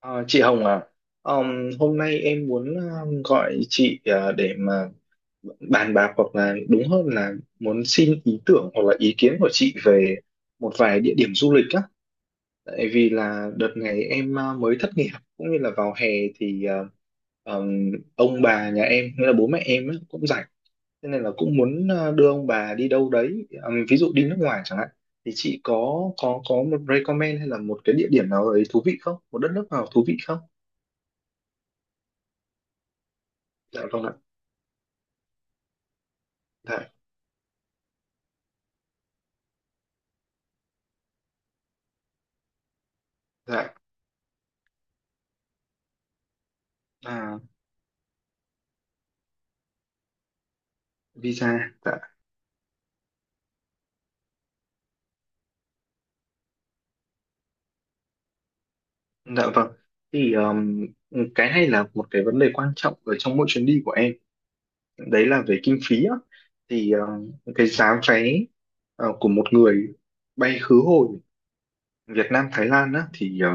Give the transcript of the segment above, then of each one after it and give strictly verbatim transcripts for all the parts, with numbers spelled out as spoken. Ờ, chị Hồng à, Ờm, hôm nay em muốn ờ, gọi chị ờ, để mà bàn bạc, hoặc là đúng hơn là muốn xin ý tưởng hoặc là ý kiến của chị về một vài địa điểm du lịch á. Tại vì là đợt này em ờ, mới thất nghiệp, cũng như là vào hè thì ờ, ờm, ông bà nhà em, nghĩa là bố mẹ em á, cũng rảnh, thế nên là cũng muốn ờ, đưa ông bà đi đâu đấy. Ờm, ví dụ đi nước ngoài chẳng hạn. Thì chị có có có một recommend hay là một cái địa điểm nào đấy thú vị không? Một đất nước nào thú vị không? Dạ vâng ạ. Dạ. Dạ. À, visa. Dạ. Dạ vâng, thì um, cái này là một cái vấn đề quan trọng ở trong mỗi chuyến đi của em, đấy là về kinh phí á. Thì ờ, cái giá vé ờ, của một người bay khứ hồi Việt Nam Thái Lan á, thì ờ,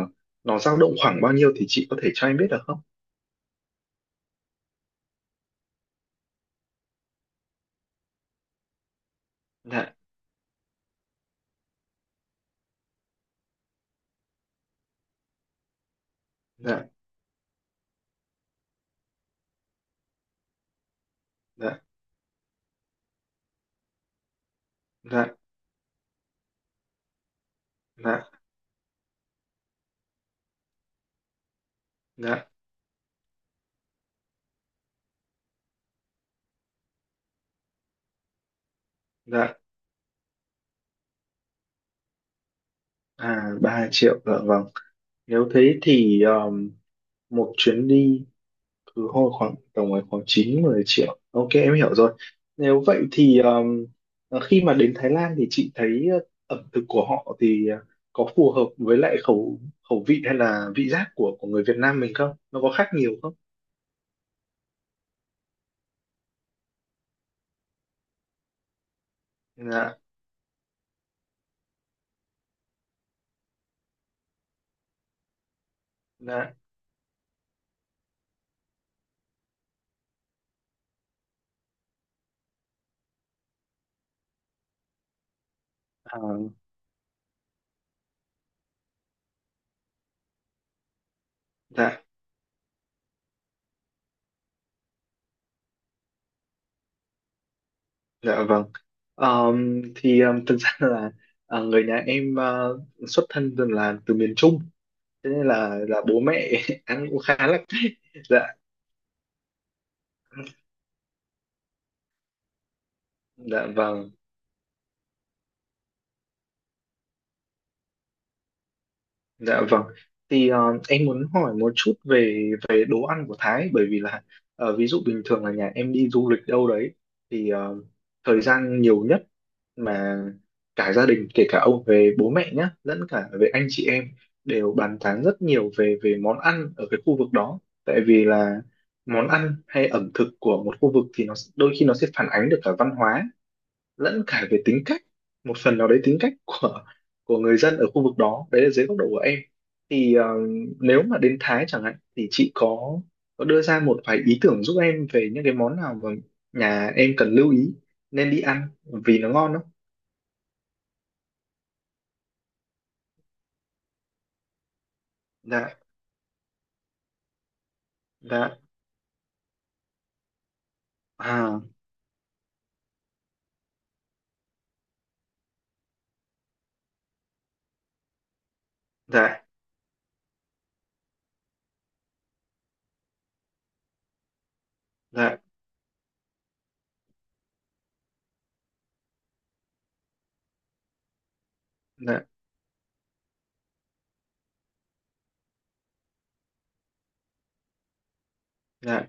nó dao động khoảng bao nhiêu thì chị có thể cho em biết được không? Dạ. Dạ. Dạ. Dạ. Dạ. Dạ. Dạ. À, ba triệu, dạ vâng. Nếu thế thì um, một chuyến đi cứ hồi khoảng tầm ấy khoảng chín mười triệu. Ok, em hiểu rồi. Nếu vậy thì um, khi mà đến Thái Lan thì chị thấy uh, ẩm thực của họ thì uh, có phù hợp với lại khẩu khẩu vị hay là vị giác của của người Việt Nam mình không? Nó có khác nhiều không? Dạ. Dạ. À. Dạ. Dạ vâng. Ờm, thì ờm, thực ra là ờ, người nhà em ờ, xuất thân từ là từ miền Trung, thế nên là là bố mẹ ăn cũng khá là. Dạ. Dạ vâng. Dạ vâng. Thì ờ, em muốn hỏi một chút về về đồ ăn của Thái, bởi vì là ờ, ví dụ bình thường là nhà em đi du lịch đâu đấy, thì ờ, thời gian nhiều nhất mà cả gia đình, kể cả ông về bố mẹ nhá, lẫn cả về anh chị em, đều bàn tán rất nhiều về về món ăn ở cái khu vực đó. Tại vì là món ăn hay ẩm thực của một khu vực thì nó đôi khi nó sẽ phản ánh được cả văn hóa lẫn cả về tính cách, một phần nào đấy tính cách của của người dân ở khu vực đó, đấy là dưới góc độ của em. Thì ờ, nếu mà đến Thái chẳng hạn thì chị có có đưa ra một vài ý tưởng giúp em về những cái món nào mà nhà em cần lưu ý, nên đi ăn vì nó ngon không? Dạ. Dạ. À. Dạ. Dạ. Dạ. Dạ.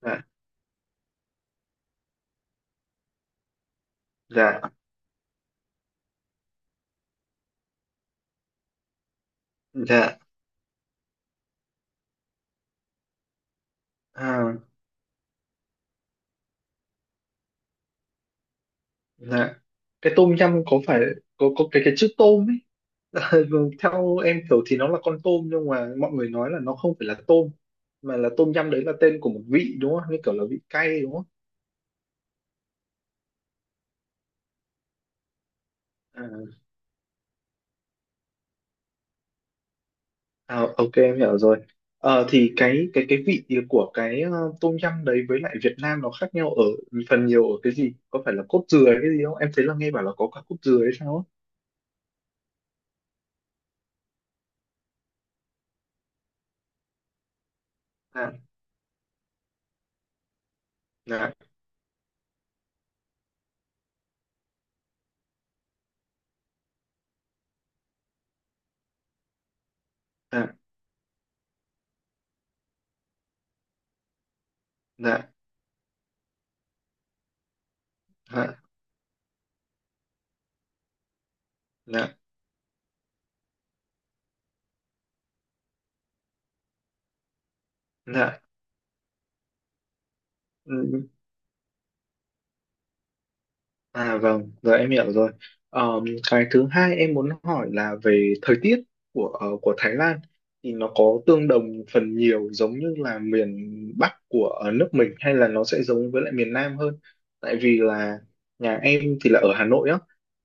Dạ. Dạ. Dạ. À. Dạ. Cái tôm nhum, có phải có có cái cái chữ tôm ấy, Ờ, theo em hiểu thì nó là con tôm, nhưng mà mọi người nói là nó không phải là tôm mà là tôm nhâm, đấy là tên của một vị đúng không, như kiểu là vị cay đúng không? À. À, ok em hiểu rồi. Ờ, thì cái cái cái vị của cái ờ, tôm nhâm đấy với lại Việt Nam nó khác nhau ở phần nhiều ở cái gì, có phải là cốt dừa hay cái gì không? Em thấy là nghe bảo là có cả cốt dừa hay sao á? Dạ. Dạ. Dạ. Dạ. Dạ. Dạ. À vâng, giờ em hiểu rồi. Ờm, cái thứ hai em muốn hỏi là về thời tiết của ờ, của Thái Lan, thì nó có tương đồng phần nhiều giống như là miền Bắc của ờ, nước mình, hay là nó sẽ giống với lại miền Nam hơn? Tại vì là nhà em thì là ở Hà Nội á,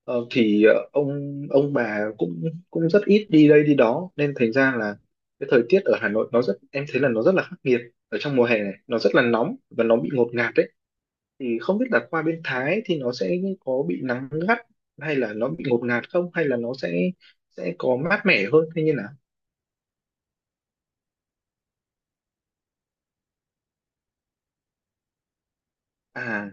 ờ, thì ờ, ông ông bà cũng cũng rất ít đi đây đi đó, nên thành ra là cái thời tiết ở Hà Nội nó rất, em thấy là nó rất là khắc nghiệt ở trong mùa hè này, nó rất là nóng và nó bị ngột ngạt đấy. Thì không biết là qua bên Thái thì nó sẽ có bị nắng gắt hay là nó bị ngột ngạt không, hay là nó sẽ sẽ có mát mẻ hơn thế, như là. À.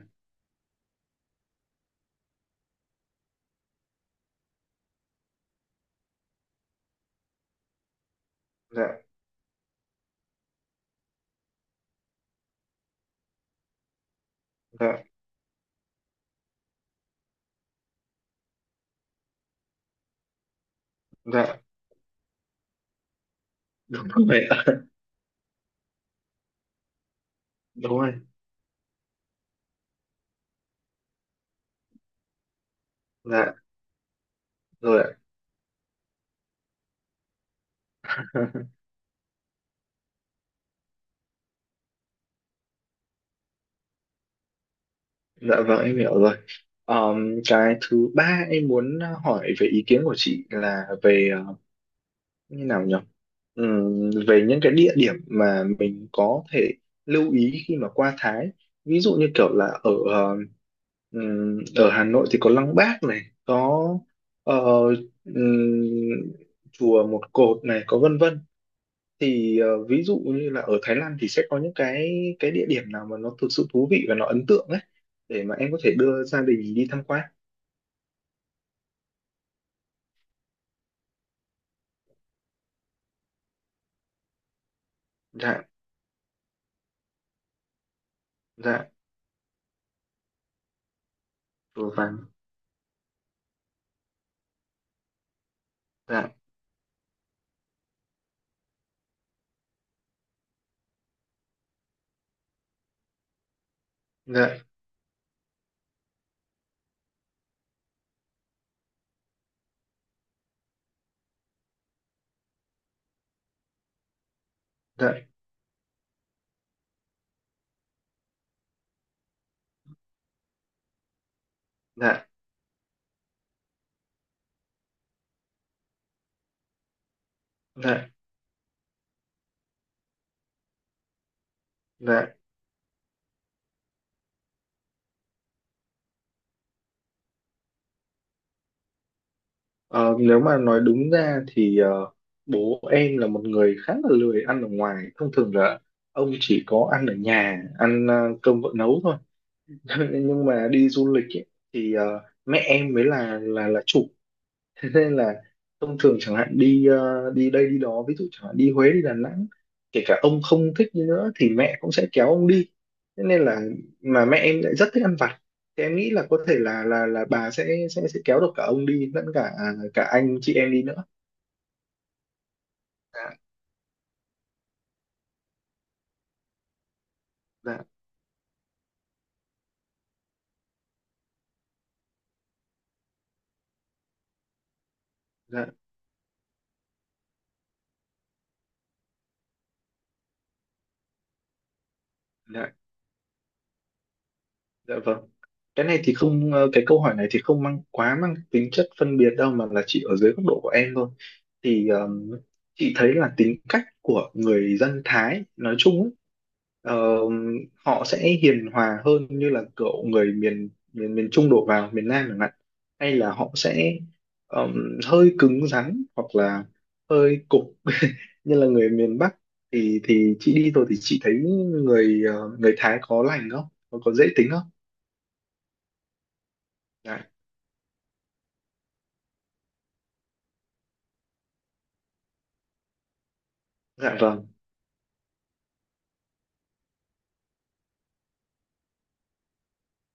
Dạ. Dạ. Dạ. Đúng rồi ạ. Đúng rồi. Dạ. Rồi ạ. Dạ vâng, em hiểu rồi. Ờm, cái thứ ba em muốn ờ, hỏi về ý kiến của chị là về ờ, như nào nhỉ. Ừm, về những cái địa điểm mà mình có thể lưu ý khi mà qua Thái, ví dụ như kiểu là ở ờ, ừm, ở Hà Nội thì có Lăng Bác này, có ờ, ừm, chùa Một Cột này, có vân vân. Thì ờ, ví dụ như là ở Thái Lan thì sẽ có những cái cái địa điểm nào mà nó thực sự thú vị và nó ấn tượng ấy, để mà em có thể đưa gia đình đi tham quan. Dạ. Dạ. Chùa vàng. Dạ. Dạ. Dạ. Dạ. Dạ. Dạ. Ờ, Nếu mà nói đúng ra thì ờ, bố em là một người khá là lười ăn ở ngoài. Thông thường là ông chỉ có ăn ở nhà, ăn ờ, cơm vợ nấu thôi. Nhưng mà đi du lịch ấy, thì ờ, mẹ em mới là là là chủ, thế nên là thông thường chẳng hạn đi ờ, đi đây đi đó, ví dụ chẳng hạn đi Huế, đi Đà Nẵng, kể cả ông không thích đi nữa thì mẹ cũng sẽ kéo ông đi. Thế nên là mà mẹ em lại rất thích ăn vặt, thì em nghĩ là có thể là là là bà sẽ sẽ sẽ kéo được cả ông đi lẫn cả à, cả anh chị em đi nữa. Dạ. Dạ. Dạ. Dạ. Dạ vâng. Cái này thì không, ờ, cái câu hỏi này thì không mang quá mang tính chất phân biệt đâu, mà là chỉ ở dưới góc độ của em thôi. Thì ờm, chị thấy là tính cách của người dân Thái nói chung ấy, ờm, họ sẽ hiền hòa hơn như là kiểu người miền miền miền Trung đổ vào miền Nam chẳng hạn, hay là họ sẽ ờm, hơi cứng rắn hoặc là hơi cục như là người miền Bắc? Thì thì chị đi rồi thì chị thấy người ờ, người Thái có lành không, có, có dễ tính không? Dạ. Dạ vâng.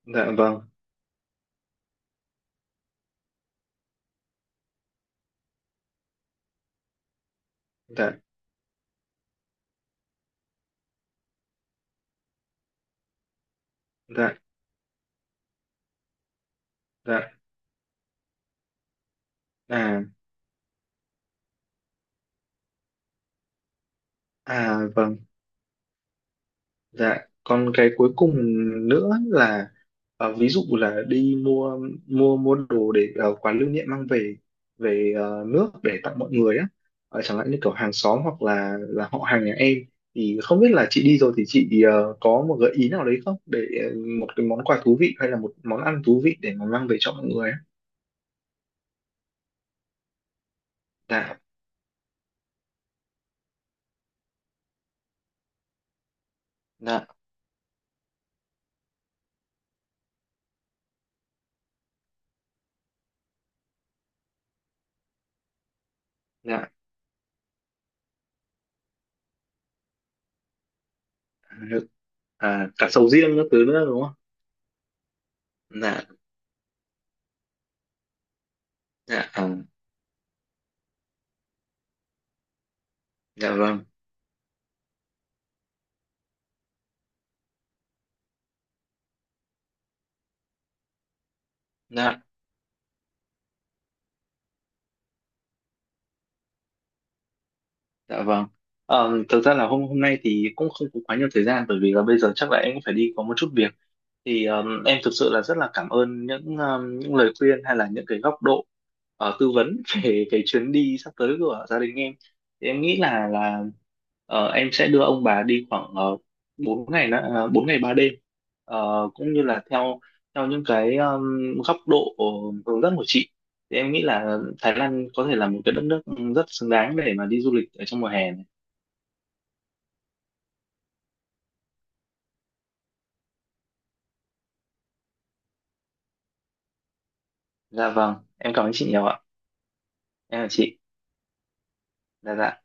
Dạ vâng. Dạ. Dạ. Dạ. À. À vâng. Dạ. Còn cái cuối cùng nữa là ờ, ví dụ là đi mua mua mua đồ để ờ, quà lưu niệm mang về về ờ, nước để tặng mọi người á. Ờ, chẳng hạn như kiểu hàng xóm hoặc là là họ hàng nhà em, thì không biết là chị đi rồi thì chị ờ, có một gợi ý nào đấy không, để ờ, một cái món quà thú vị hay là một món ăn thú vị để mà mang về cho mọi người á. Dạ. Dạ. Dạ. À cả sầu riêng các thứ nữa đúng không? Dạ. Dạ. À. Dạ vâng. Dạ. Dạ vâng. Ờ, thực ra là hôm hôm nay thì cũng không có quá nhiều thời gian, bởi vì là bây giờ chắc là em cũng phải đi có một chút việc, thì um, em thực sự là rất là cảm ơn những um, những lời khuyên hay là những cái góc độ ờ, tư vấn về cái chuyến đi sắp tới của gia đình em. Thì em nghĩ là là ờ, em sẽ đưa ông bà đi khoảng uh, bốn ngày nữa, ờ, bốn ngày ba đêm. Ờ, cũng như là theo theo những cái um, góc độ hướng dẫn của chị, thì em nghĩ là Thái Lan có thể là một cái đất nước rất xứng đáng để mà đi du lịch ở trong mùa hè này. Dạ vâng, em cảm ơn chị nhiều ạ. Em là chị. Dạ. Dạ.